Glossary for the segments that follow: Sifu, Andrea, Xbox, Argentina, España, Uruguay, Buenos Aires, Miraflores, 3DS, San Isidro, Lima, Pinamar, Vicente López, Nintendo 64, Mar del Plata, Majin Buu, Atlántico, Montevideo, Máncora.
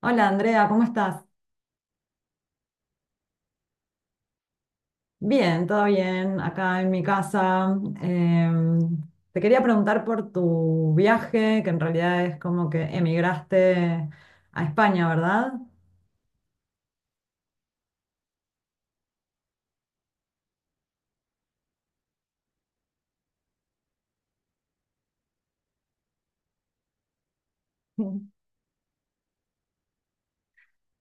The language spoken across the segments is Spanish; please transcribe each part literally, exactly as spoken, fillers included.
Hola Andrea, ¿cómo estás? Bien, todo bien, acá en mi casa. Em, Te quería preguntar por tu viaje, que en realidad es como que emigraste a España, ¿verdad?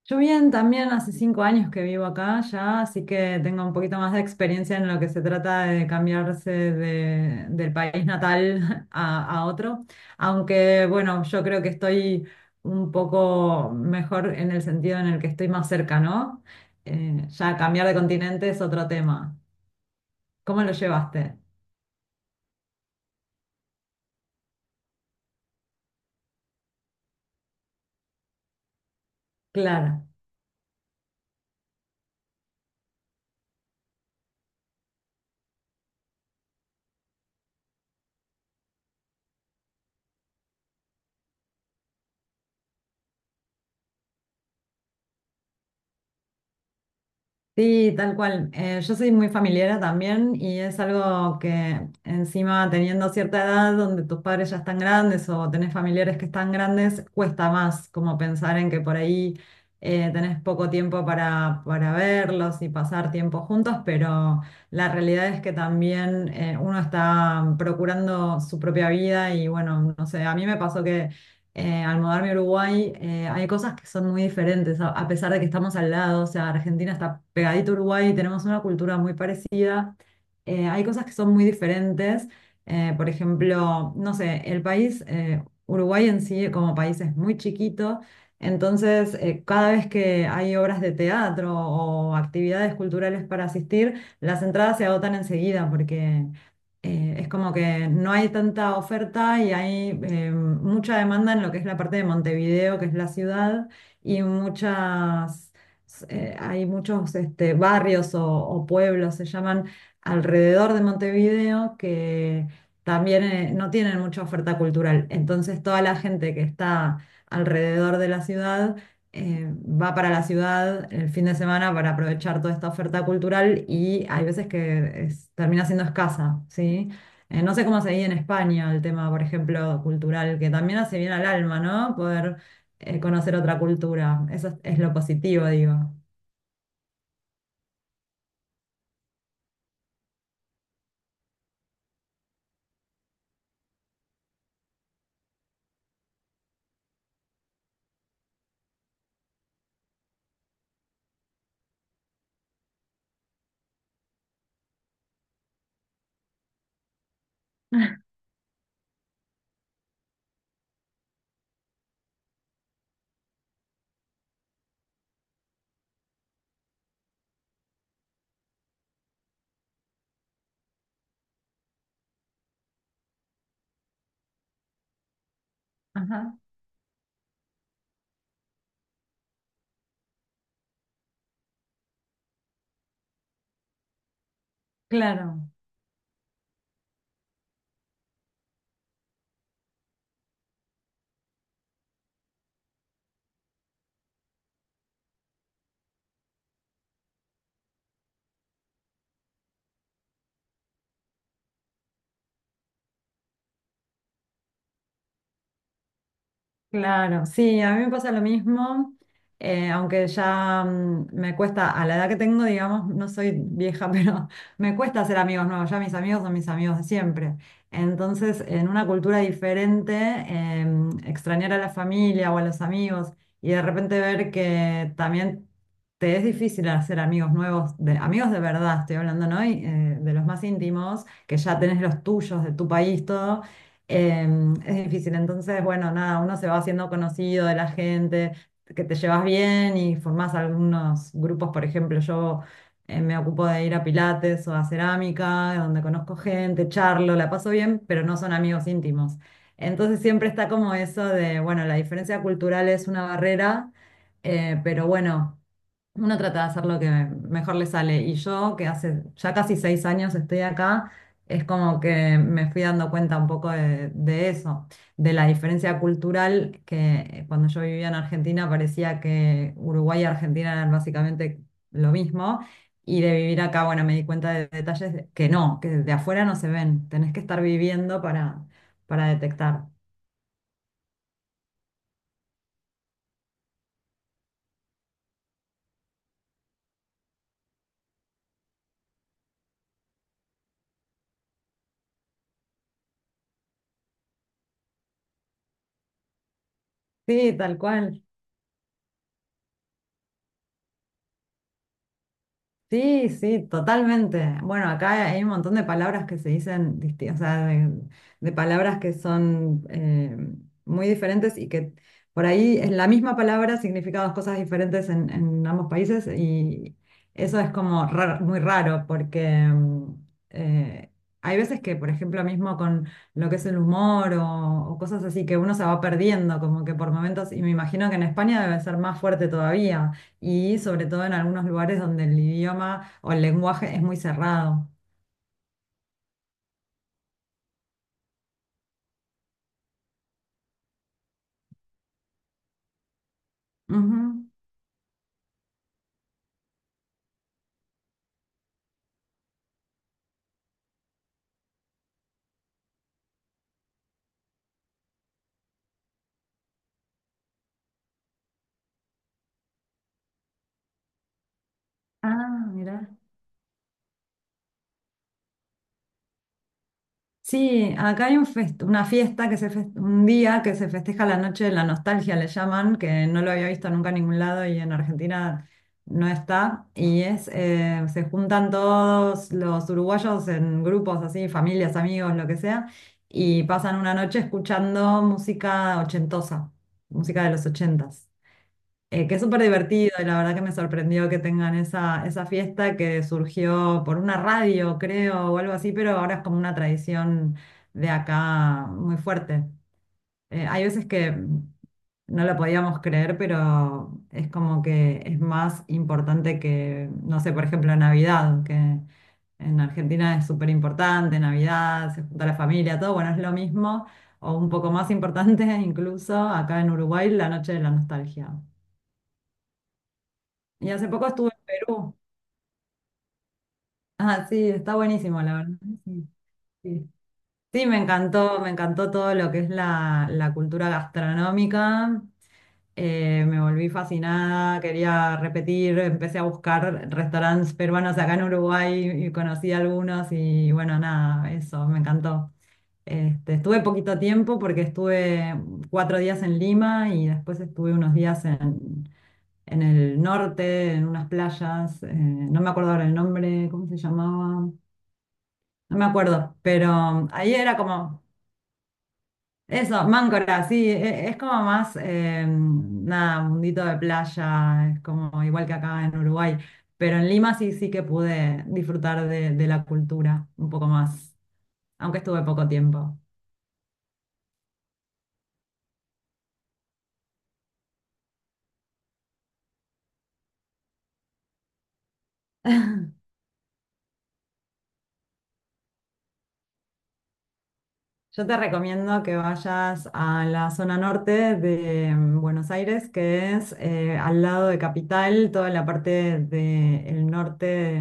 Yo bien, también hace cinco años que vivo acá ya, así que tengo un poquito más de experiencia en lo que se trata de cambiarse de- del país natal a, a otro. Aunque bueno, yo creo que estoy un poco mejor en el sentido en el que estoy más cerca, ¿no? Eh, ya cambiar de continente es otro tema. ¿Cómo lo llevaste? Claro. Sí, tal cual. Eh, yo soy muy familiera también y es algo que encima teniendo cierta edad donde tus padres ya están grandes o tenés familiares que están grandes, cuesta más como pensar en que por ahí eh, tenés poco tiempo para, para verlos y pasar tiempo juntos, pero la realidad es que también eh, uno está procurando su propia vida y bueno, no sé, a mí me pasó eh, al mudarme a Uruguay. Eh, hay cosas que son muy diferentes, a, a pesar de que estamos al lado. O sea, Argentina está pegadito a Uruguay, tenemos una cultura muy parecida, eh, hay cosas que son muy diferentes. Eh, por ejemplo, no sé, el país, eh, Uruguay en sí como país es muy chiquito, entonces eh, cada vez que hay obras de teatro o actividades culturales para asistir, las entradas se agotan enseguida porque eh, es como que no hay tanta oferta y hay eh, mucha demanda en lo que es la parte de Montevideo, que es la ciudad. Y muchas, eh, hay muchos este, barrios o, o pueblos, se llaman, alrededor de Montevideo, que también eh, no tienen mucha oferta cultural. Entonces toda la gente que está alrededor de la ciudad eh, va para la ciudad el fin de semana para aprovechar toda esta oferta cultural y hay veces que es- termina siendo escasa, ¿sí? Eh, no sé cómo se vive en España el tema, por ejemplo, cultural, que también hace bien al alma, ¿no? Poder eh, conocer otra cultura. Eso es, es lo positivo, digo. Ajá, claro. Claro, sí, a mí me pasa lo mismo. Eh, aunque ya mm, me cuesta, a la edad que tengo, digamos, no soy vieja, pero me cuesta hacer amigos nuevos, ya mis amigos son mis amigos de siempre. Entonces, en una cultura diferente, em, extrañar a la familia o a los amigos y de repente ver que también te es difícil hacer amigos nuevos, de, amigos de verdad, estoy hablando, ¿no? Y, eh, de los más íntimos, que ya tenés los tuyos, de tu país, todo. Eh, es difícil, entonces, bueno, nada, uno se va haciendo conocido de la gente, que te llevas bien y formás algunos grupos. Por ejemplo, yo eh, me ocupo de ir a pilates o a cerámica, donde conozco gente, charlo, la paso bien, pero no son amigos íntimos. Entonces siempre está como eso de, bueno, la diferencia cultural es una barrera, eh, pero bueno. Uno trata de hacer lo que mejor le sale. Y yo, que hace ya casi seis años estoy acá, es como que me fui dando cuenta un poco de, de eso, de la diferencia cultural, que cuando yo vivía en Argentina parecía que Uruguay y Argentina eran básicamente lo mismo. Y de vivir acá, bueno, me di cuenta de detalles de- que no, que de afuera no se ven. Tenés que estar viviendo para, para detectar. Sí, tal cual. Sí, sí, totalmente. Bueno, acá hay un montón de palabras que se dicen, disti- o sea, de, de palabras que son eh, muy diferentes y que por ahí es la misma palabra, significa dos cosas diferentes en, en ambos países, y eso es como raro- muy raro porque mm, eh, hay veces que, por ejemplo, mismo con lo que es el humor o, o cosas así, que uno se va perdiendo como que por momentos, y me imagino que en España debe ser más fuerte todavía y sobre todo en algunos lugares donde el idioma o el lenguaje es muy cerrado. Ujú. Ah, mira, sí, acá hay un fest- una fiesta que se fes- un día que se festeja la noche de la nostalgia, le llaman, que no lo había visto nunca en ningún lado y en Argentina no está. Y es, eh, se juntan todos los uruguayos en grupos así, familias, amigos, lo que sea, y pasan una noche escuchando música ochentosa, música de los ochentas. Eh, que es súper divertido y la verdad que me sorprendió que tengan esa, esa fiesta, que surgió por una radio, creo, o algo así, pero ahora es como una tradición de acá muy fuerte. Eh, hay veces que no lo podíamos creer, pero es como que es más importante que, no sé, por ejemplo, Navidad, que en Argentina es súper importante. Navidad, se junta la familia, todo, bueno, es lo mismo, o un poco más importante incluso acá en Uruguay, la noche de la nostalgia. Y hace poco estuve en Perú. Ah, sí, está buenísimo, la verdad. Sí, sí. Sí, me encantó, me encantó todo lo que es la, la cultura gastronómica. Eh, me volví fascinada, quería repetir, empecé a buscar restaurantes peruanos acá en Uruguay y conocí algunos y bueno, nada, eso, me encantó. Este, estuve poquito tiempo porque estuve cuatro días en Lima y después estuve unos días en, en el norte, en unas playas. Eh, no me acuerdo ahora el nombre, ¿cómo se llamaba? No me acuerdo, pero ahí era como... Eso, Máncora, sí, e- es como más, eh, nada, mundito de playa, es como igual que acá en Uruguay, pero en Lima sí, sí que pude disfrutar de, de la cultura un poco más, aunque estuve poco tiempo. Yo te recomiendo que vayas a la zona norte de mm, Buenos Aires, que es eh, al lado de Capital, toda la parte del norte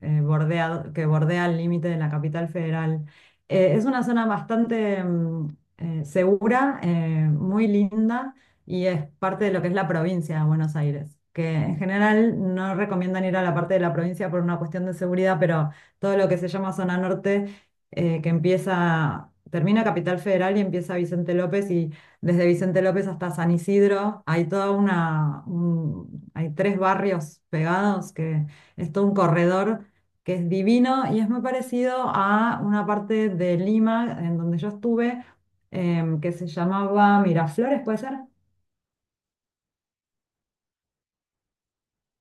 eh, bordea- que bordea el límite de la capital federal. Eh, es una zona bastante mm, eh, segura, eh, muy linda, y es parte de lo que es la provincia de Buenos Aires, que en general no recomiendan ir a la parte de la provincia por una cuestión de seguridad, pero todo lo que se llama zona norte eh, que empieza, termina Capital Federal y empieza Vicente López, y desde Vicente López hasta San Isidro hay toda una, un- hay tres barrios pegados, que es todo un corredor, que es divino y es muy parecido a una parte de Lima en donde yo estuve em, que se llamaba Miraflores, ¿puede ser?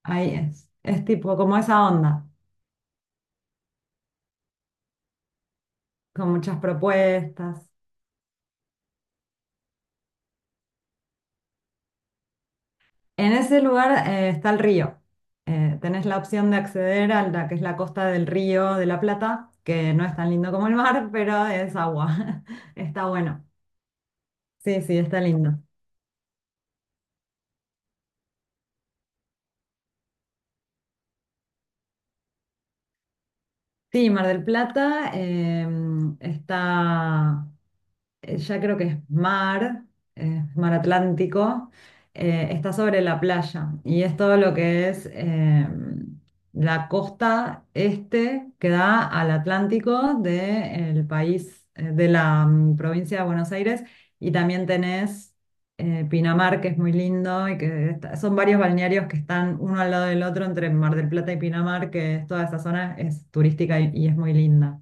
Ahí es, es tipo como esa onda, con muchas propuestas. En ese lugar eh, está el río. Eh, tenés la opción de acceder a la que es la costa del río de la Plata, que no es tan lindo como el mar, pero es agua. Está bueno. Sí, sí, está lindo. Sí, Mar del Plata eh, está eh, ya creo que es mar, eh, mar Atlántico, eh, está sobre la playa y es todo lo que es eh, la costa este que da al Atlántico del país, eh, de la mm, provincia de Buenos Aires, y también tenés eh, Pinamar, que es muy lindo y que está- son varios balnearios que están uno al lado del otro entre Mar del Plata y Pinamar, que es- toda esa zona es turística y y es muy linda.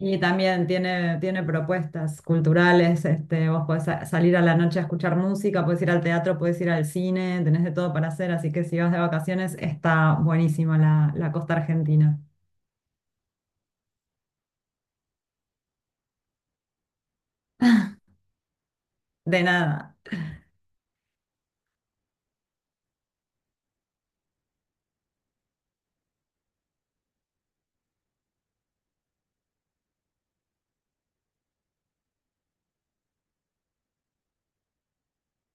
Y también tiene, tiene propuestas culturales, este, vos podés sa- salir a la noche a escuchar música, podés ir al teatro, podés ir al cine, tenés de todo para hacer, así que si vas de vacaciones está buenísima la, la costa argentina. De nada.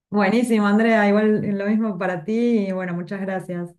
Buenísimo, Andrea, igual lo mismo para ti y bueno, muchas gracias.